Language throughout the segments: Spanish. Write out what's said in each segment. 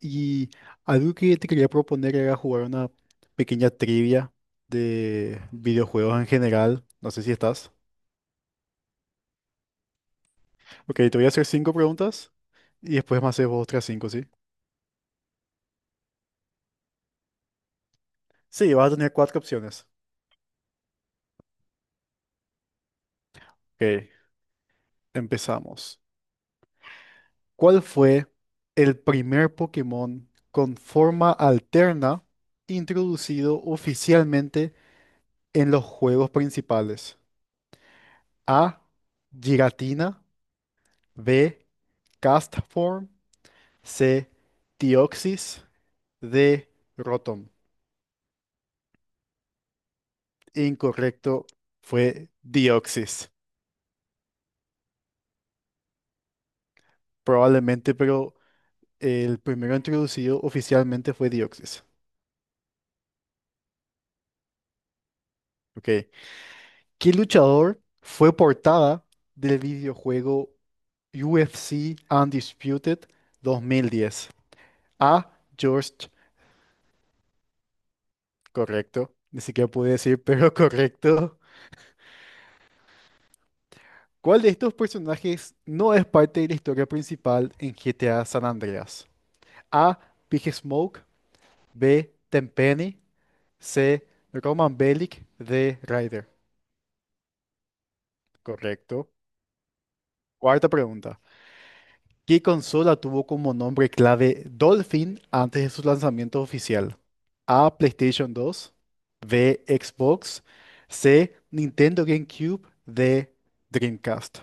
Y algo que te quería proponer era jugar una pequeña trivia de videojuegos en general. No sé si estás. Ok, te voy a hacer cinco preguntas y después me haces vos otras cinco, ¿sí? Sí, vas a tener cuatro opciones. Ok, empezamos. ¿Cuál fue el primer Pokémon con forma alterna introducido oficialmente en los juegos principales? A. Giratina. B. Castform. C. Dioxis. D. Rotom. Incorrecto, fue Dioxis. Probablemente, pero el primero introducido oficialmente fue Dioxis. Ok. ¿Qué luchador fue portada del videojuego UFC Undisputed 2010? A. George. Correcto. Ni siquiera pude decir, pero correcto. ¿Cuál de estos personajes no es parte de la historia principal en GTA San Andreas? A. Big Smoke. B. Tenpenny. C. Roman Bellic. D. Ryder. Correcto. Cuarta pregunta. ¿Qué consola tuvo como nombre clave Dolphin antes de su lanzamiento oficial? A. PlayStation 2. B. Xbox. C. Nintendo GameCube. D. Dreamcast.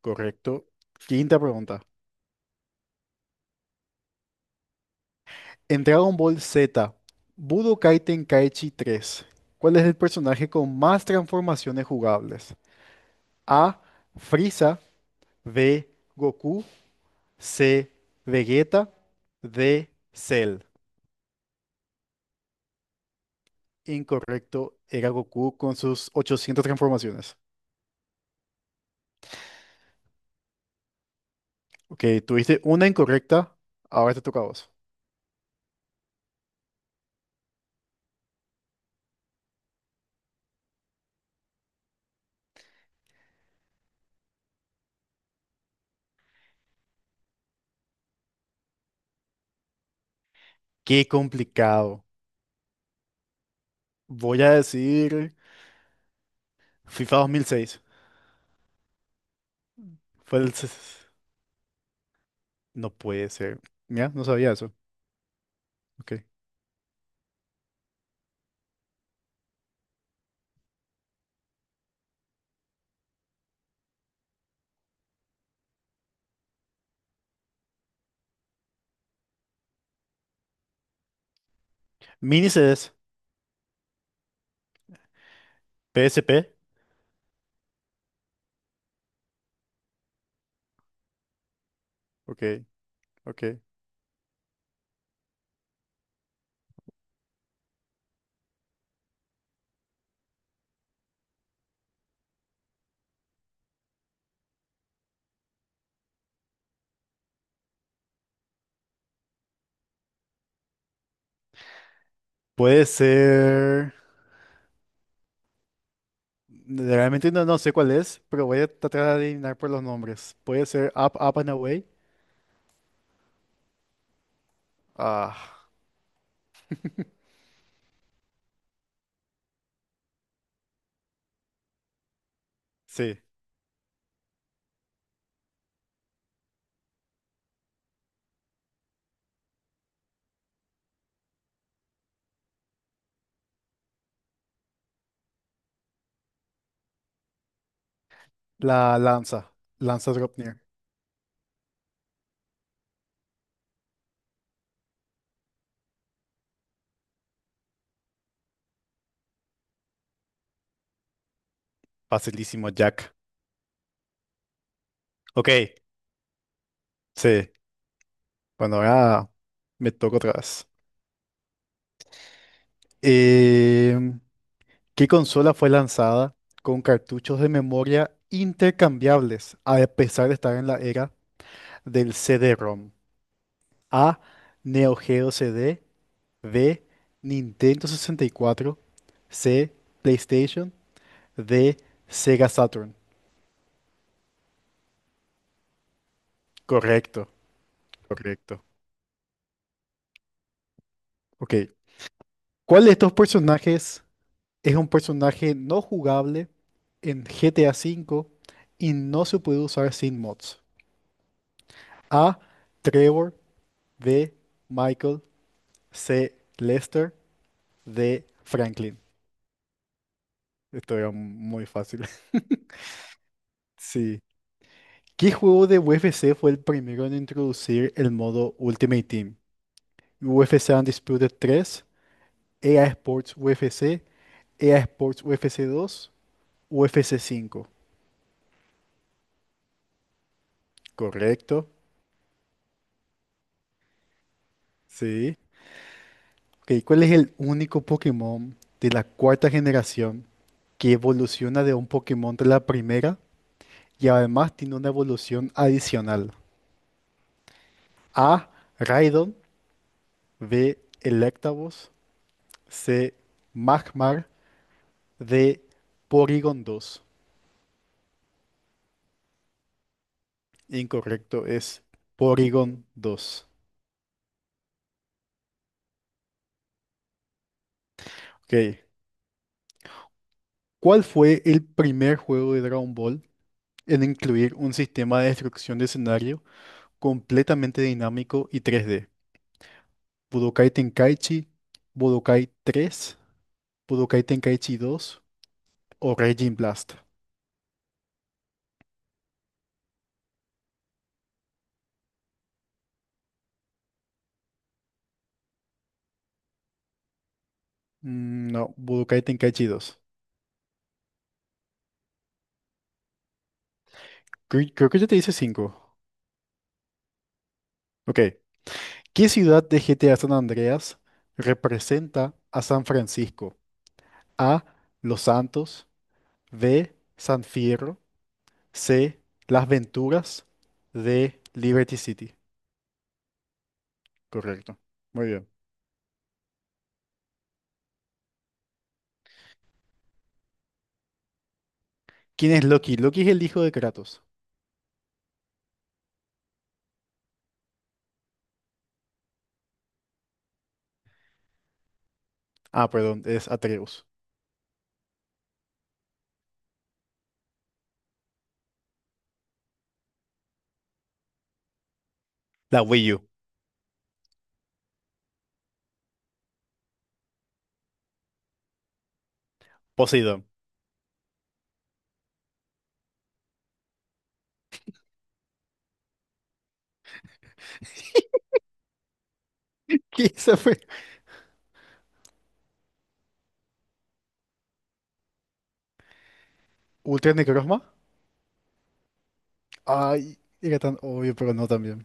Correcto. Quinta pregunta. En Dragon Ball Z, Budokai Tenkaichi tres. ¿Cuál es el personaje con más transformaciones jugables? A. Frieza. B. Goku. C. Vegeta. D. Cell. Incorrecto, era Goku con sus 800 transformaciones. Ok, tuviste una incorrecta, ahora te toca a vos. Qué complicado. Voy a decir FIFA 2006. Fue el... s- No puede ser. Ya, no sabía eso. Ok. Mini CDs. PSP. Ok, ok. Puede ser. Realmente no, no sé cuál es, pero voy a tratar de adivinar por los nombres. Puede ser Up, Up and Away. Ah, sí. La lanza. Lanza Dropnir. Facilísimo, Jack. Ok, sí. Bueno, ahora me toca otra vez. Em, ¿Qué consola fue lanzada con cartuchos de memoria intercambiables a pesar de estar en la era del c d rom? A. Neo Geo C d. B, Nintendo 64. C, PlayStation. D, Sega Saturn. Correcto, correcto. Ok. ¿Cuál de estos personajes es un personaje no jugable en GTA V y no se puede usar sin mods? A, Trevor. B, Michael. C, Lester. D, Franklin. Esto era muy fácil. Sí. ¿Qué juego de UFC fue el primero en introducir el modo Ultimate Team? UFC Undisputed 3, EA Sports UFC, EA Sports UFC 2, UFC cinco. Correcto. Sí. Ok, ¿cuál es el único Pokémon de la cuarta generación que evoluciona de un Pokémon de la primera y además tiene una evolución adicional? A. Raidon. B. Electabuzz. C. Magmar. D. Porygon dos. Incorrecto, es Porygon dos. Ok. ¿Cuál fue el primer juego de Dragon Ball en incluir un sistema de destrucción de escenario completamente dinámico y 3D? ¿Budokai Tenkaichi, Budokai 3, Budokai Tenkaichi 2 o Raging Blast? Mm, no, Budokai Tenkaichi 2. Cre- Creo que ya te dice 5. Ok. ¿Qué ciudad de GTA San Andreas representa a San Francisco? A. Los Santos. B. San Fierro. C. Las Venturas de Liberty City. Correcto. Muy bien. ¿Quién es Loki? Loki es el hijo de Kratos. Ah, perdón, es Atreus. La Wii U. Poseidón. ¿Qué se fue? ¿Ultra Necrozma? Ay, era tan obvio, pero no también.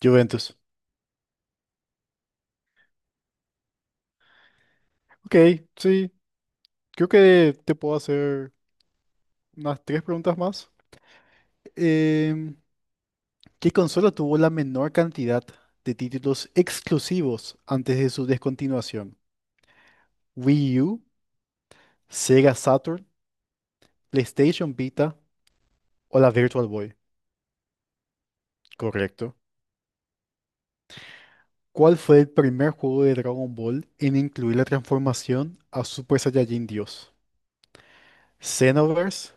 Juventus. Ok, sí. Creo que te puedo hacer unas tres preguntas más. Em, ¿Qué consola tuvo la menor cantidad de títulos exclusivos antes de su descontinuación? Wii U, Sega Saturn, PlayStation Vita o la Virtual Boy. Correcto. ¿Cuál fue el primer juego de Dragon Ball en incluir la transformación a Super Saiyajin Dios? ¿Xenoverse,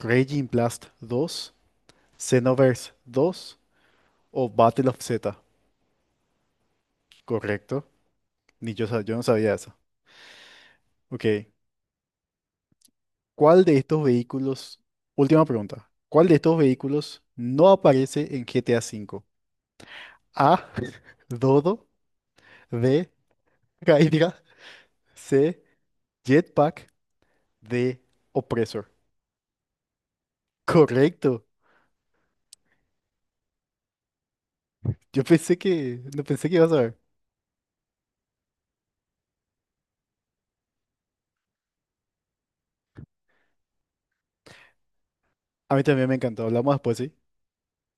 Raging Blast dos, Xenoverse dos o Battle of Z? Correcto. Ni yo, sa- yo no sabía eso. Ok. ¿Cuál de estos vehículos? Última pregunta. ¿Cuál de estos vehículos no aparece en GTA V? A. Dodo. B. Hydra. C. Jetpack. De Opresor. Correcto. Yo pensé que, no pensé que ibas a ver. A mí también me encantó. Hablamos después, ¿sí?